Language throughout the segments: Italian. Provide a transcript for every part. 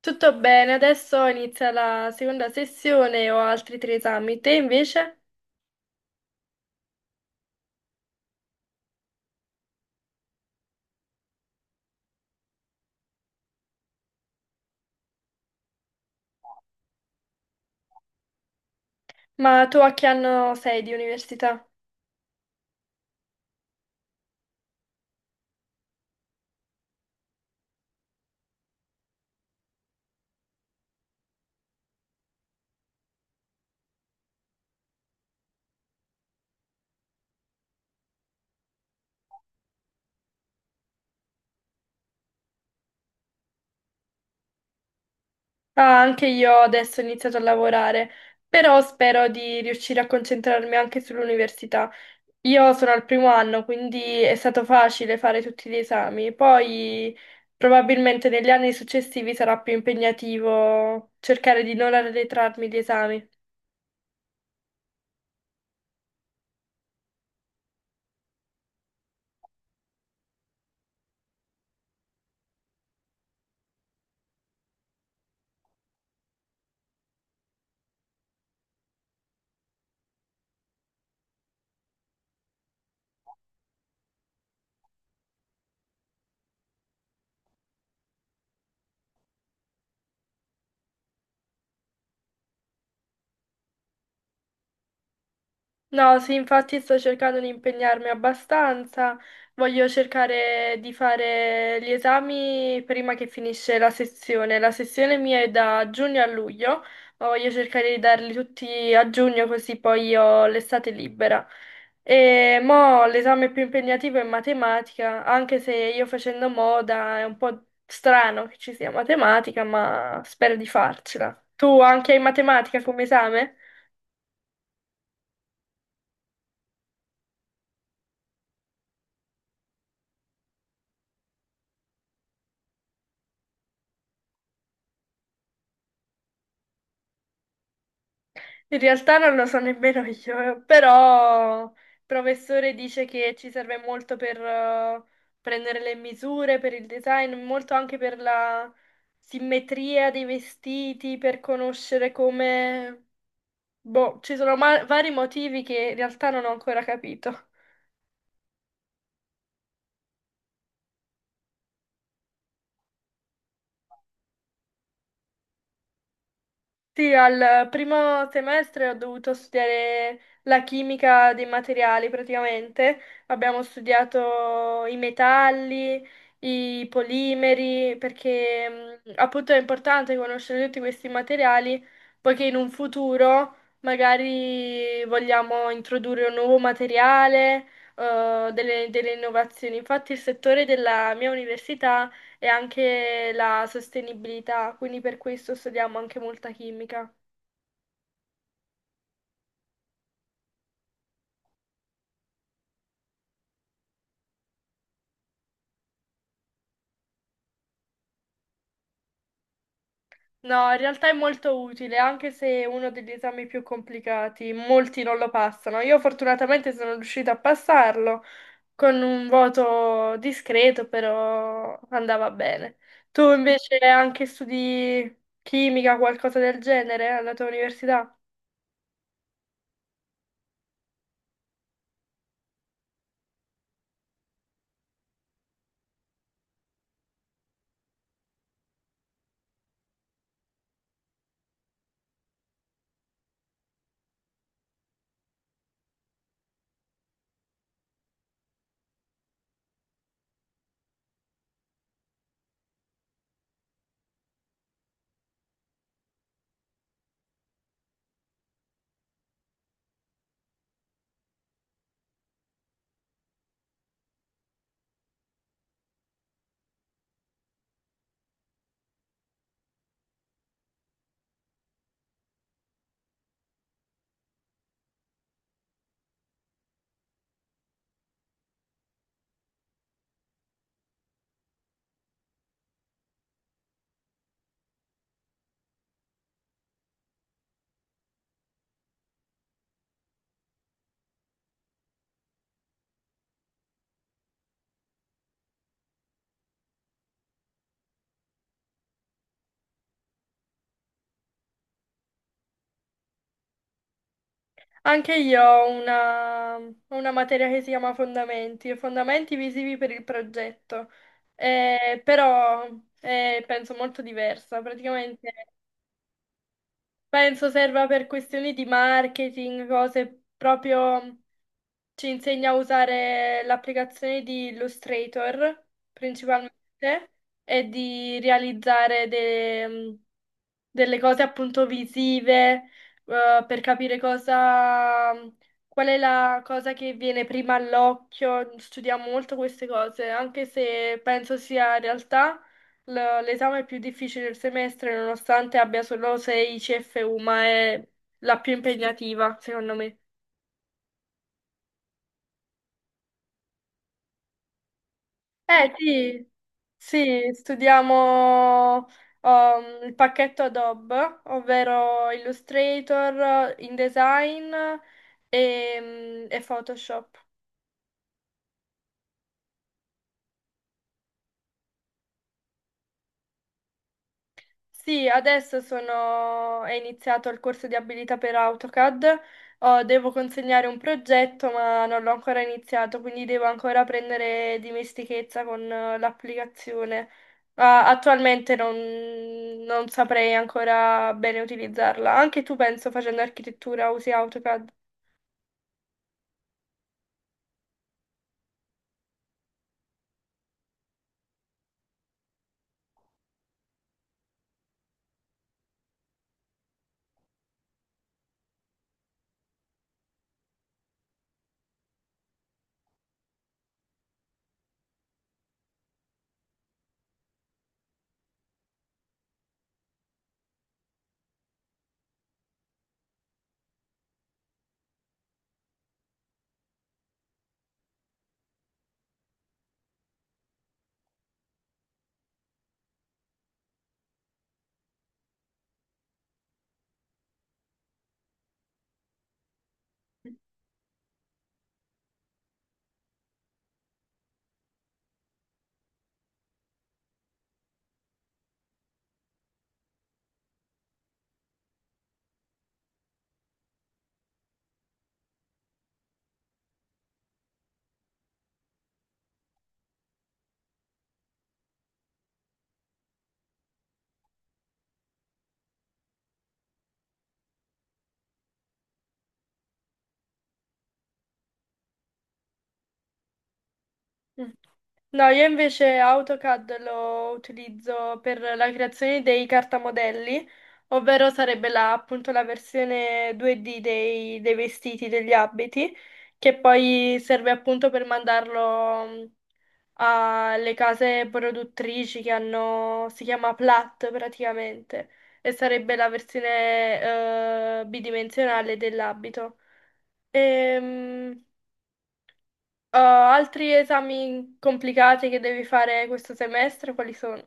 Tutto bene, adesso inizia la seconda sessione e ho altri tre esami. Te invece? Ma tu a che anno sei di università? Ah, anche io adesso ho iniziato a lavorare, però spero di riuscire a concentrarmi anche sull'università. Io sono al primo anno, quindi è stato facile fare tutti gli esami. Poi probabilmente negli anni successivi sarà più impegnativo cercare di non arretrarmi gli esami. No, sì, infatti sto cercando di impegnarmi abbastanza. Voglio cercare di fare gli esami prima che finisce la sessione. La sessione mia è da giugno a luglio, ma voglio cercare di darli tutti a giugno così poi ho l'estate libera. E mo l'esame più impegnativo è matematica, anche se io facendo moda è un po' strano che ci sia matematica, ma spero di farcela. Tu anche hai matematica come esame? In realtà non lo so nemmeno io, però il professore dice che ci serve molto per prendere le misure, per il design, molto anche per la simmetria dei vestiti, per conoscere come... Boh, ci sono vari motivi che in realtà non ho ancora capito. Sì, al primo semestre ho dovuto studiare la chimica dei materiali praticamente. Abbiamo studiato i metalli, i polimeri, perché appunto è importante conoscere tutti questi materiali, poiché in un futuro magari vogliamo introdurre un nuovo materiale, delle innovazioni. Infatti il settore della mia università e anche la sostenibilità, quindi per questo studiamo anche molta chimica. No, in realtà è molto utile, anche se è uno degli esami più complicati, molti non lo passano. Io fortunatamente sono riuscita a passarlo con un voto discreto, però andava bene. Tu invece anche studi chimica, qualcosa del genere alla tua università? Anche io ho una materia che si chiama Fondamenti, e fondamenti visivi per il progetto, eh, però penso molto diversa, praticamente penso serva per questioni di marketing, cose proprio ci insegna a usare l'applicazione di Illustrator principalmente e di realizzare delle cose appunto visive, per capire cosa, qual è la cosa che viene prima all'occhio. Studiamo molto queste cose, anche se penso sia in realtà l'esame più difficile del semestre, nonostante abbia solo 6 CFU, ma è la più impegnativa, secondo me. Eh sì. Sì, studiamo il pacchetto Adobe, ovvero Illustrator, InDesign e Photoshop. Sì, adesso sono... è iniziato il corso di abilità per AutoCAD. Oh, devo consegnare un progetto, ma non l'ho ancora iniziato, quindi devo ancora prendere dimestichezza con l'applicazione. Ah, attualmente non... non saprei ancora bene utilizzarla. Anche tu, penso, facendo architettura, usi AutoCAD. Mm. No, io invece AutoCAD lo utilizzo per la creazione dei cartamodelli, ovvero sarebbe la, appunto la versione 2D dei vestiti, degli abiti, che poi serve appunto per mandarlo alle case produttrici che hanno, si chiama Plat praticamente, e sarebbe la versione bidimensionale dell'abito. Ehm, Altri esami complicati che devi fare questo semestre, quali sono?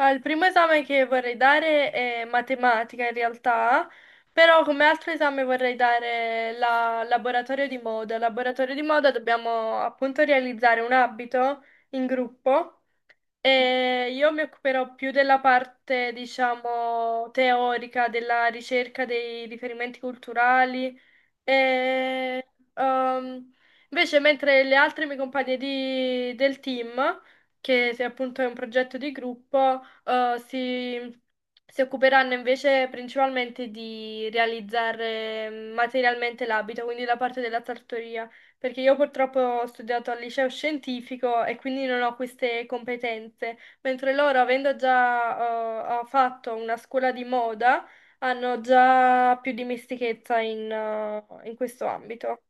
Ah, il primo esame che vorrei dare è matematica in realtà, però come altro esame vorrei dare la laboratorio di moda. Al Laboratorio di moda dobbiamo appunto realizzare un abito in gruppo e io mi occuperò più della parte, diciamo, teorica, della ricerca dei riferimenti culturali. E, ehm, invece, mentre le altre mie compagne del team, che se appunto è un progetto di gruppo, si occuperanno invece principalmente di realizzare mm, materialmente l'abito, quindi la parte della sartoria, perché io purtroppo ho studiato al liceo scientifico e quindi non ho queste competenze, mentre loro, avendo già fatto una scuola di moda, hanno già più dimestichezza in, in questo ambito.